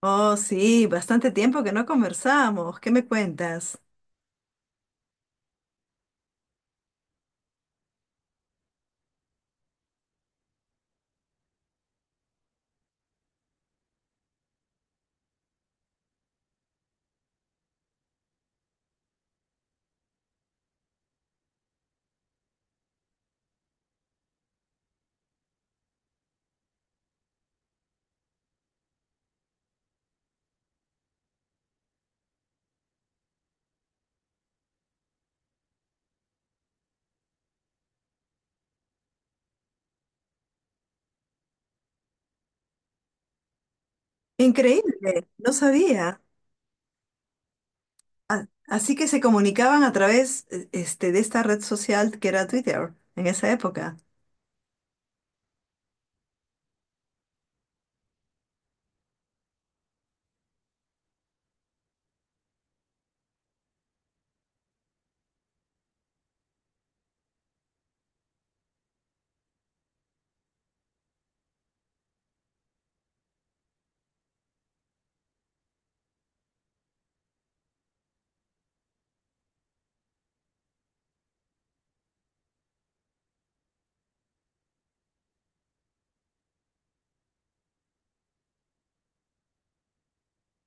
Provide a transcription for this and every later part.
Oh, sí, bastante tiempo que no conversamos. ¿Qué me cuentas? Increíble, no sabía. Así que se comunicaban a través, este, de esta red social que era Twitter en esa época.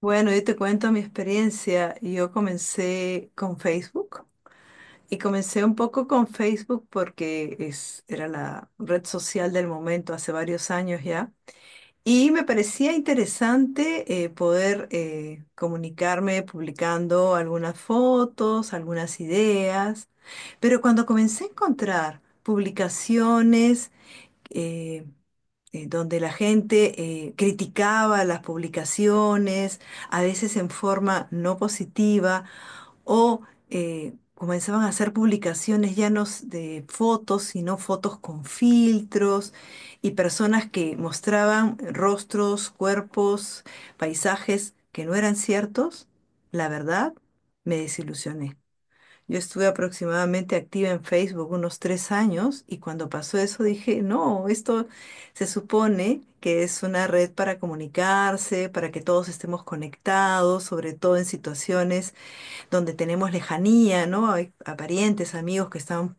Bueno, yo te cuento mi experiencia. Yo comencé con Facebook y comencé un poco con Facebook porque era la red social del momento hace varios años ya. Y me parecía interesante poder comunicarme publicando algunas fotos, algunas ideas, pero cuando comencé a encontrar publicaciones eh, donde la gente criticaba las publicaciones, a veces en forma no positiva, o comenzaban a hacer publicaciones ya no s- de fotos, sino fotos con filtros y personas que mostraban rostros, cuerpos, paisajes que no eran ciertos, la verdad, me desilusioné. Yo estuve aproximadamente activa en Facebook unos 3 años y cuando pasó eso dije, no, esto se supone que es una red para comunicarse, para que todos estemos conectados, sobre todo en situaciones donde tenemos lejanía, ¿no? Hay a parientes, amigos que están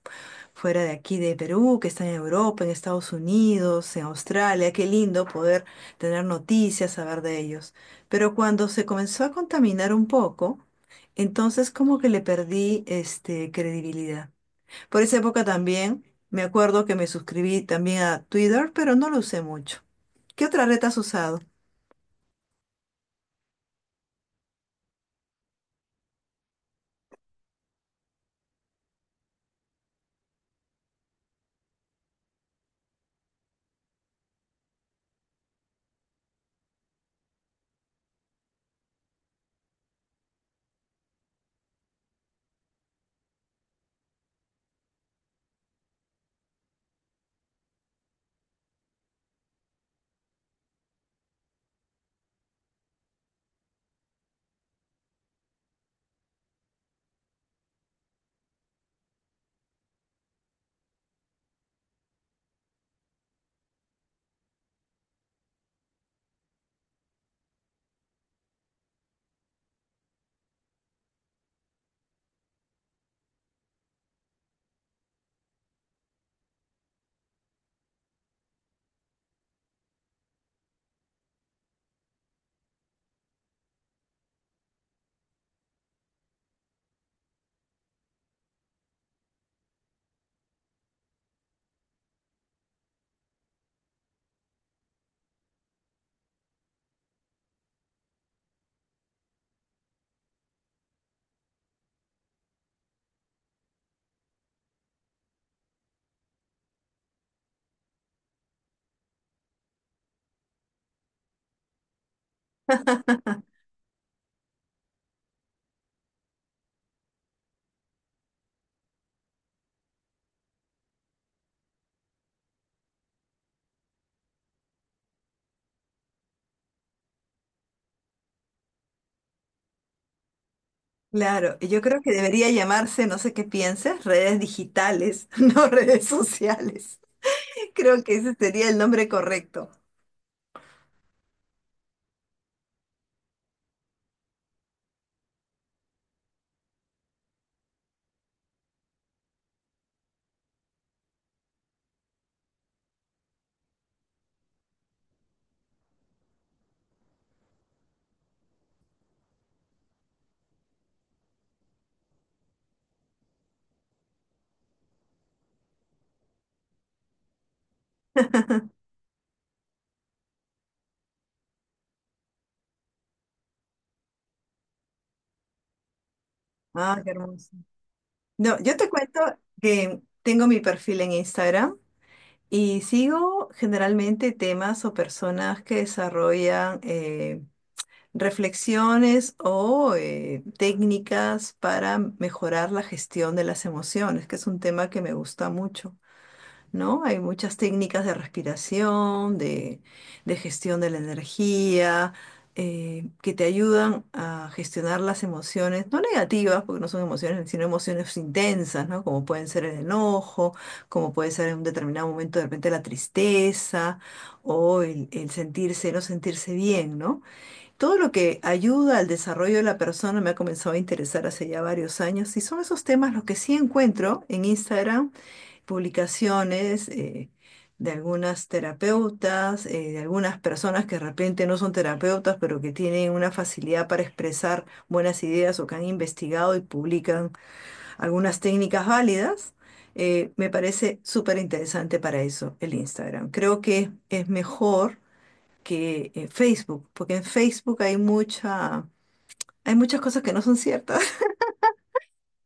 fuera de aquí, de Perú, que están en Europa, en Estados Unidos, en Australia. Qué lindo poder tener noticias, saber de ellos. Pero cuando se comenzó a contaminar un poco, entonces como que le perdí este, credibilidad. Por esa época también me acuerdo que me suscribí también a Twitter, pero no lo usé mucho. ¿Qué otra red has usado? Claro, yo creo que debería llamarse, no sé qué pienses, redes digitales, no redes sociales. Creo que ese sería el nombre correcto. Ah, qué hermoso. No, yo te cuento que tengo mi perfil en Instagram y sigo generalmente temas o personas que desarrollan reflexiones o técnicas para mejorar la gestión de las emociones, que es un tema que me gusta mucho. ¿No? Hay muchas técnicas de respiración, de gestión de la energía, que te ayudan a gestionar las emociones, no negativas, porque no son emociones, sino emociones intensas, ¿no? Como pueden ser el enojo, como puede ser en un determinado momento de repente la tristeza o el sentirse, no sentirse bien, ¿no? Todo lo que ayuda al desarrollo de la persona me ha comenzado a interesar hace ya varios años y son esos temas los que sí encuentro en Instagram publicaciones de algunas terapeutas, de algunas personas que de repente no son terapeutas, pero que tienen una facilidad para expresar buenas ideas o que han investigado y publican algunas técnicas válidas. Me parece súper interesante para eso el Instagram. Creo que es mejor que Facebook, porque en Facebook hay mucha, hay muchas cosas que no son ciertas.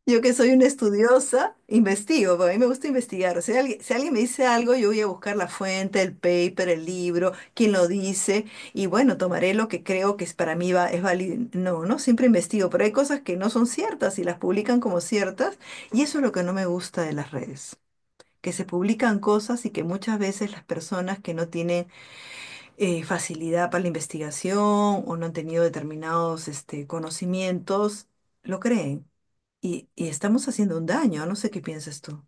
Yo que soy una estudiosa, investigo, porque a mí me gusta investigar. Si alguien me dice algo, yo voy a buscar la fuente, el paper, el libro, quién lo dice, y bueno, tomaré lo que creo que es para mí va, es válido. No, no, siempre investigo, pero hay cosas que no son ciertas y las publican como ciertas, y eso es lo que no me gusta de las redes, que se publican cosas y que muchas veces las personas que no tienen facilidad para la investigación o no han tenido determinados este, conocimientos, lo creen y estamos haciendo un daño, no sé qué piensas tú.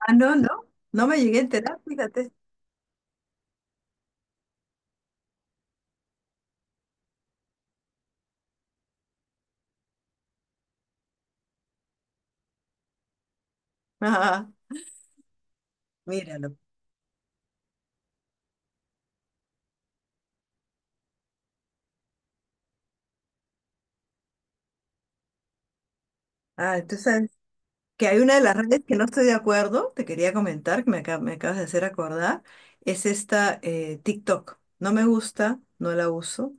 Ah, no, no, no me llegué a enterar, fíjate. Ajá, míralo. Ah, tú sabes que hay una de las redes que no estoy de acuerdo, te quería comentar, me acabas de hacer acordar, es esta TikTok. No me gusta, no la uso.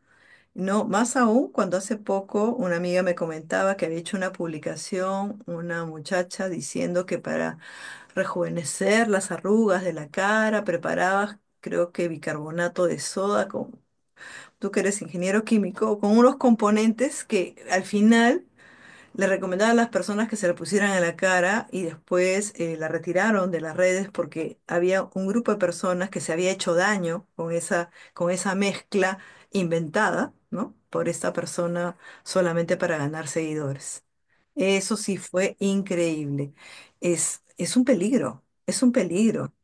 No, más aún cuando hace poco una amiga me comentaba que había hecho una publicación, una muchacha diciendo que para rejuvenecer las arrugas de la cara preparaba, creo que bicarbonato de soda, tú que eres ingeniero químico, con unos componentes que al final le recomendaban a las personas que se la pusieran en la cara y después la retiraron de las redes porque había un grupo de personas que se había hecho daño con con esa mezcla inventada, ¿no? Por esta persona solamente para ganar seguidores. Eso sí fue increíble. Es un peligro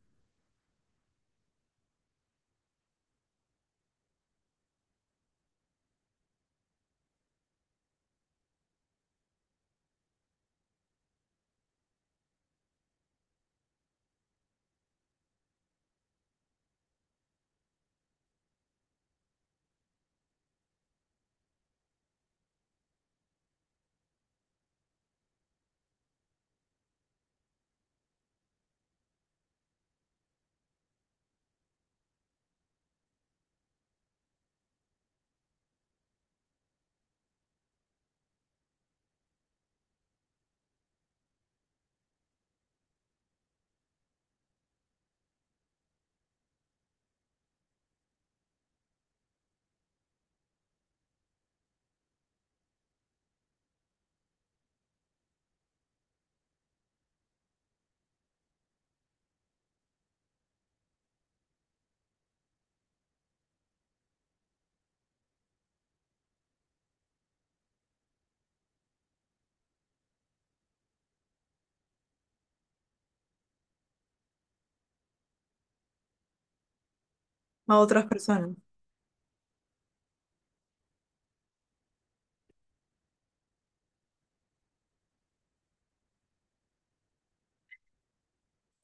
a otras personas.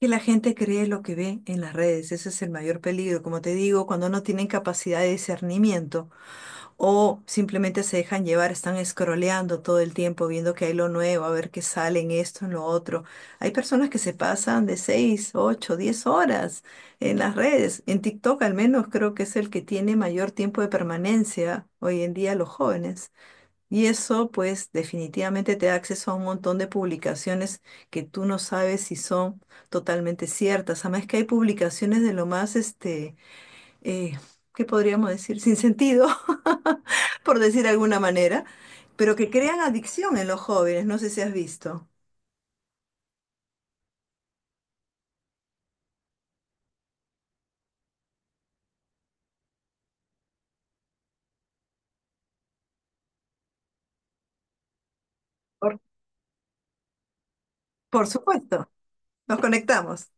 Que la gente cree lo que ve en las redes, ese es el mayor peligro. Como te digo, cuando no tienen capacidad de discernimiento o simplemente se dejan llevar, están scrolleando todo el tiempo, viendo que hay lo nuevo, a ver qué sale en esto, en lo otro. Hay personas que se pasan de 6, 8, 10 horas en las redes. En TikTok al menos creo que es el que tiene mayor tiempo de permanencia hoy en día los jóvenes. Y eso, pues, definitivamente te da acceso a un montón de publicaciones que tú no sabes si son totalmente ciertas. Además que hay publicaciones de lo más, este, eh, ¿qué podríamos decir? Sin sentido, por decir de alguna manera, pero que crean adicción en los jóvenes. No sé si has visto. Por, por supuesto, nos conectamos.